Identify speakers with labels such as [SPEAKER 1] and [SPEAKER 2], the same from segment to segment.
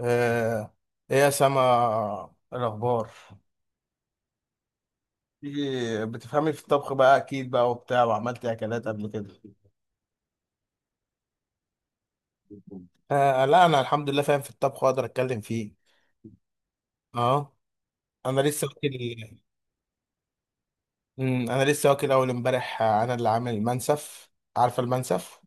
[SPEAKER 1] آه، ايه يا سما الاخبار؟ إيه، بتفهمي في الطبخ بقى اكيد بقى وبتاع وعملتي اكلات قبل كده؟ آه لا، انا الحمد لله فاهم في الطبخ واقدر اتكلم فيه. اه، انا لسه واكل. انا لسه واكل اول امبارح. انا اللي عامل المنسف. عارفه المنسف؟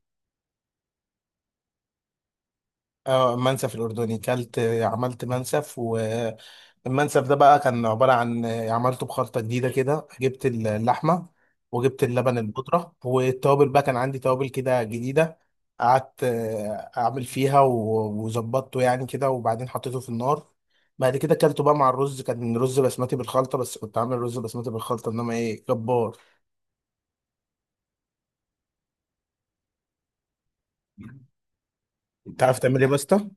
[SPEAKER 1] اه، منسف الاردني. كلت عملت منسف، والمنسف ده بقى كان عباره عن عملته بخلطه جديده كده. جبت اللحمه وجبت اللبن البودره والتوابل، بقى كان عندي توابل كده جديده. قعدت اعمل فيها وظبطته يعني كده، وبعدين حطيته في النار. بعد كده اكلته بقى مع الرز. كان رز بسمتي بالخلطه، بس كنت عامل رز بسمتي بالخلطه، انما ايه جبار. انت عارف تعمل ايه يا باسطى؟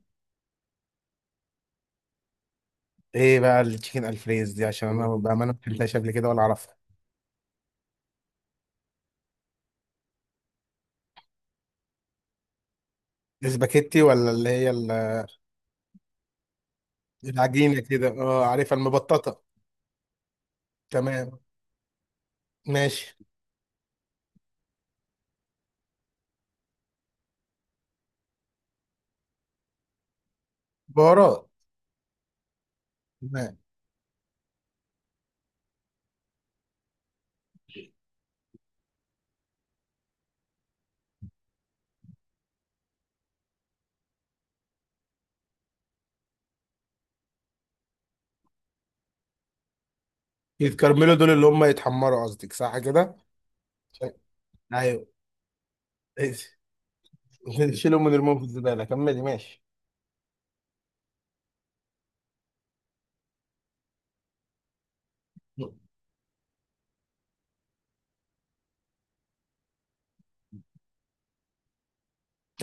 [SPEAKER 1] ايه بقى التشيكن الفريز دي؟ عشان انا بامانه ما اكلتهاش قبل كده ولا اعرفها. الاسباجيتي ولا اللي هي ال-؟ العجينه كده، اه عارفها المبططه. تمام، ماشي. بهارات. تمام. يتكرملوا دول اللي هم يتحمروا، قصدك صح كده؟ عشان-. ايوه ماشي. شيلهم من المهم في الزباله، كملي ماشي.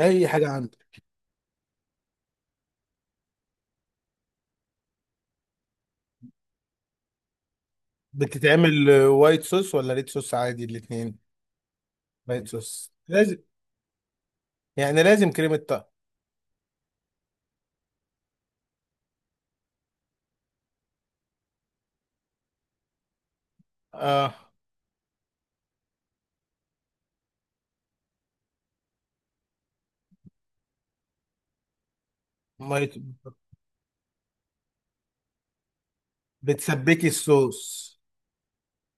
[SPEAKER 1] اي حاجه عندك. بتتعمل وايت صوص ولا ريد صوص؟ عادي الاثنين. وايت صوص لازم؟ يعني لازم كريمه طهي؟ اه، ما يت-. بتسبكي الصوص.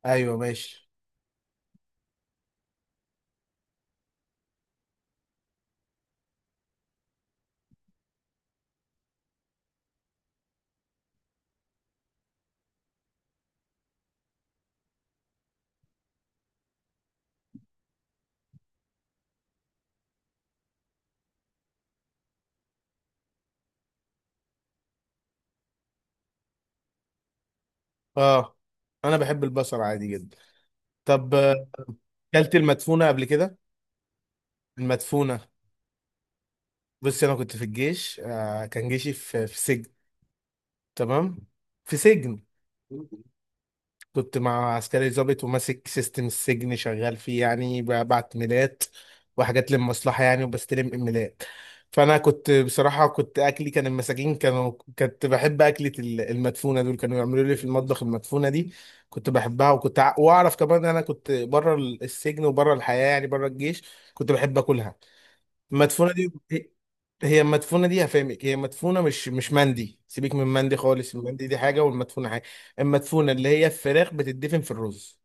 [SPEAKER 1] ايوه ماشي. اه، انا بحب البصل عادي جدا. طب، كلت المدفونه قبل كده؟ المدفونه. بصي، انا كنت في الجيش، كان جيشي في سجن. تمام. في سجن. كنت مع عسكري ضابط وماسك سيستم السجن، شغال فيه يعني، ببعت ميلات وحاجات للمصلحة يعني، وبستلم ايميلات. فأنا كنت بصراحة، كنت أكلي كان المساجين كانوا، كنت بحب أكلة المدفونة، دول كانوا يعملوا لي في المطبخ المدفونة دي، كنت بحبها. وكنت وأعرف كمان إن أنا كنت بره السجن وبره الحياة يعني بره الجيش، كنت بحب أكلها، المدفونه دي. هي المدفونه دي، هفهمك. هي مدفونه، مش مندي، سيبك من مندي خالص. المندي دي حاجه، والمدفونه حاجه. المدفونه اللي هي الفراخ بتدفن في الرز،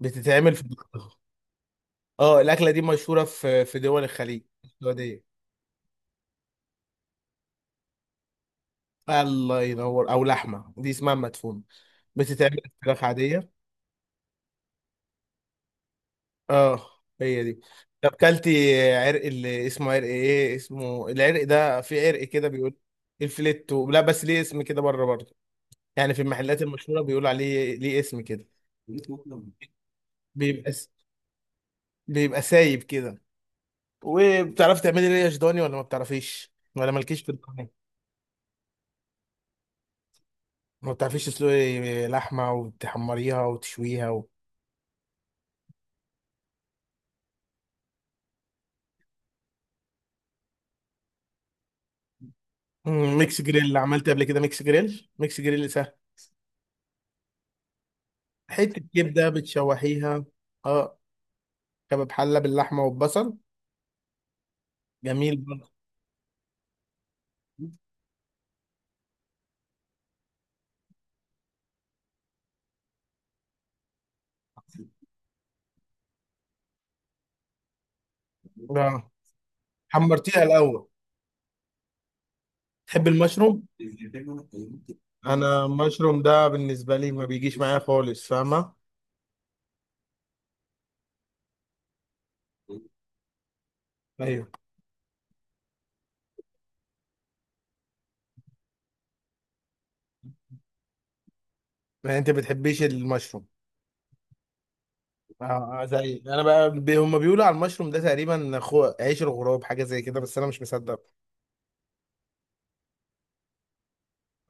[SPEAKER 1] بتتعمل في الفراخ. اه، الاكله دي مشهوره في دول الخليج السعوديه. الله ينور، او لحمه دي اسمها مدفونه، بتتعمل في فراخ عاديه. اه، هي دي. طب، كلتي عرق اللي اسمه عرق ايه؟ اسمه العرق ده، في عرق كده بيقول. الفليتو، لا بس ليه اسم كده بره برضه؟ يعني في المحلات المشهورة بيقولوا عليه ليه اسم كده. بيبقى س... بيبقى سايب كده. وبتعرفي تعملي ريش ضاني ولا ما بتعرفيش، ولا مالكيش في الضاني؟ ما بتعرفيش تسلقي لحمة وتحمريها وتشويها و...؟ ميكس جريل عملت قبل كده؟ ميكس جريل، ميكس جريل سهل. حتة كبدة بتشوحيها. اه. كباب حلة باللحمة والبصل. جميل برضه. اه. حمرتيها الأول. تحب المشروم؟ انا المشروم ده بالنسبه لي ما بيجيش معايا خالص، فاهمه. ايوه. يعني انت بتحبيش المشروم؟ آه، آه، زي انا بقى هم بيقولوا على المشروم ده تقريبا، خو... عيش الغراب، حاجه زي كده، بس انا مش مصدق.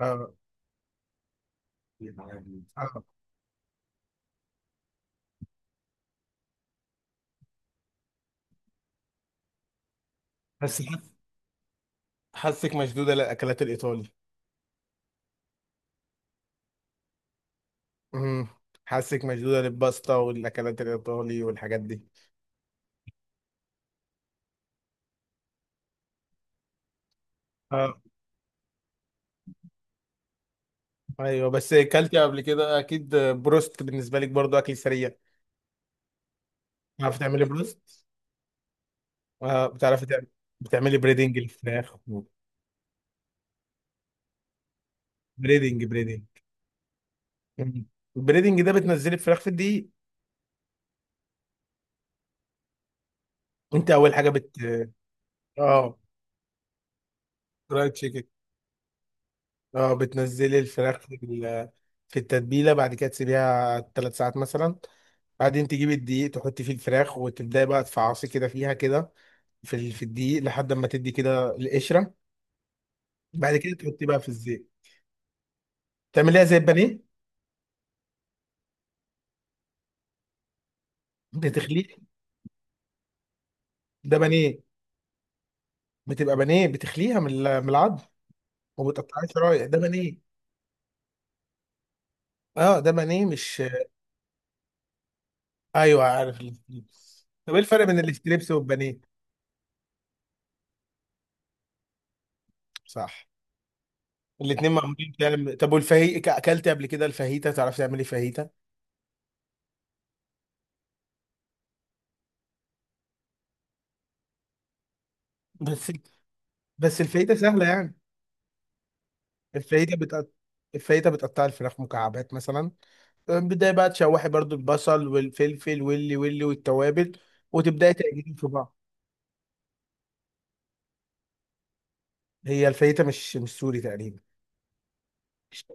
[SPEAKER 1] آه، آه. بس حس- حاسك مشدوده للاكلات الايطالي. امم حاسك مشدوده للباستا والاكلات الايطالي والحاجات دي. اه. ايوه، بس اكلتي قبل كده اكيد بروست؟ بالنسبه لك برضو اكل سريع. بتعرفي تعملي بروست؟ اه، بتعرفي تعملي. بتعملي بريدنج الفراخ؟ بريدنج، بريدنج. البريدنج ده بتنزلي الفراخ في الدقيق. انت اول حاجه بت. اه، فرايد تشيكن. اه، بتنزلي الفراخ في التتبيله، بعد كده تسيبيها 3 ساعات مثلا. بعدين تجيبي الدقيق، تحطي فيه الفراخ وتبداي بقى تفعصي كده فيها كده، في ال- في الدقيق لحد ما تدي كده القشره، بعد كده تحطي بقى في الزيت. تعمليها زي البانيه، بتخليه. ده بانيه، بتبقى بانيه، بتخليها من ال- من العظم وبتقطعيها شرايح، ده بانيه. اه، ده بانيه مش. ايوه، عارف الستريبس. طب ايه الفرق بين الستريبس والبانيه؟ صح. الاتنين معمولين فعلا. طب، والفاهيتا اكلت قبل كده؟ الفاهيتا، تعرف تعملي فاهيتا؟ بس بس الفاهيتا سهله يعني. الفاهيتا بتقطع، الفاهيتا بتقطع الفراخ مكعبات مثلا، بداية بقى تشوحي برضو البصل والفلفل واللي واللي والتوابل، وتبداي تقلبي في بعض. هي الفاهيتا مش سوري تقريبا. الش-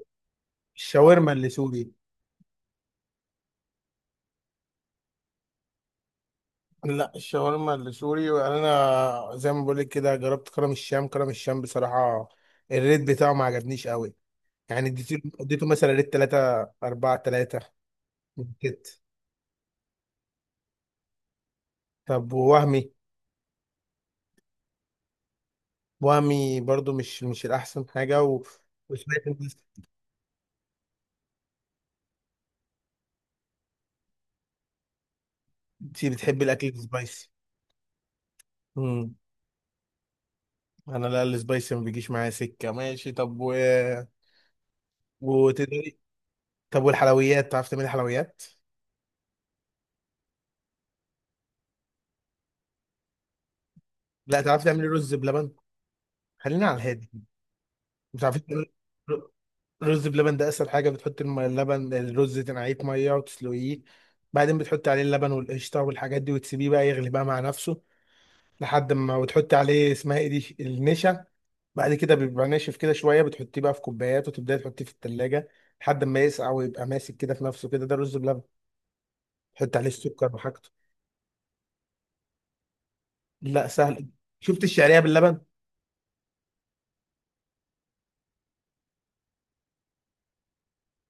[SPEAKER 1] الشاورما اللي سوري. لا، الشاورما اللي سوري، انا زي ما بقول لك كده جربت كرم الشام. كرم الشام بصراحه الريت بتاعه ما عجبنيش قوي، يعني اديته اديته مثلا ريت 3 4 3 كده. طب، ووهمي؟ وهمي برضو مش مش الأحسن حاجة و... وسمعت إن الناس كتير بتحب الأكل السبايسي. امم أنا لا، السبايسي ما بيجيش معايا سكة، ماشي. طب، و... وتقدري. طب، والحلويات، تعرف تعملي حلويات؟ لا، تعرف تعملي رز بلبن؟ خلينا على الهادي. مش عارفين تعملي. ر- رز بلبن ده أسهل حاجة. بتحط اللبن، الرز تنقعيه في مية وتسلقيه، بعدين بتحط عليه اللبن والقشطة والحاجات دي وتسيبيه بقى يغلي بقى مع نفسه لحد ما، وتحطي عليه اسمها ايه دي، النشا. بعد كده بيبقى ناشف كده شويه، بتحطيه بقى في كوبايات وتبداي تحطيه في التلاجة لحد ما يسقع ويبقى ماسك كده في نفسه كده، ده رز بلبن. تحط عليه السكر وحاجته. لا سهل. شفت الشعريه باللبن.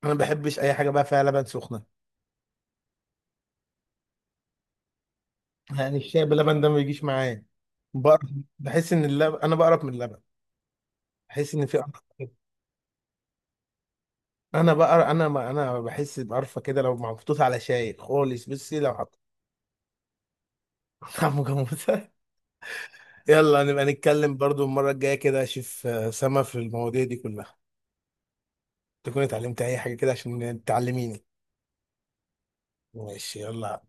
[SPEAKER 1] انا ما بحبش اي حاجه بقى فيها لبن سخنه، يعني الشاي باللبن ده ما بيجيش معايا، بقرف. بحس ان اللبن، انا بقرف من اللبن، بحس ان في قرف كده. انا بقر، انا ما انا بحس بقرفه كده لو محطوط على شاي خالص. بصي لو حط. عم جاموسه. يلا نبقى نتكلم برضو المرة الجاية كده، أشوف سما في المواضيع دي كلها. تكوني اتعلمت أي حاجة كده عشان تعلميني. ماشي يلا.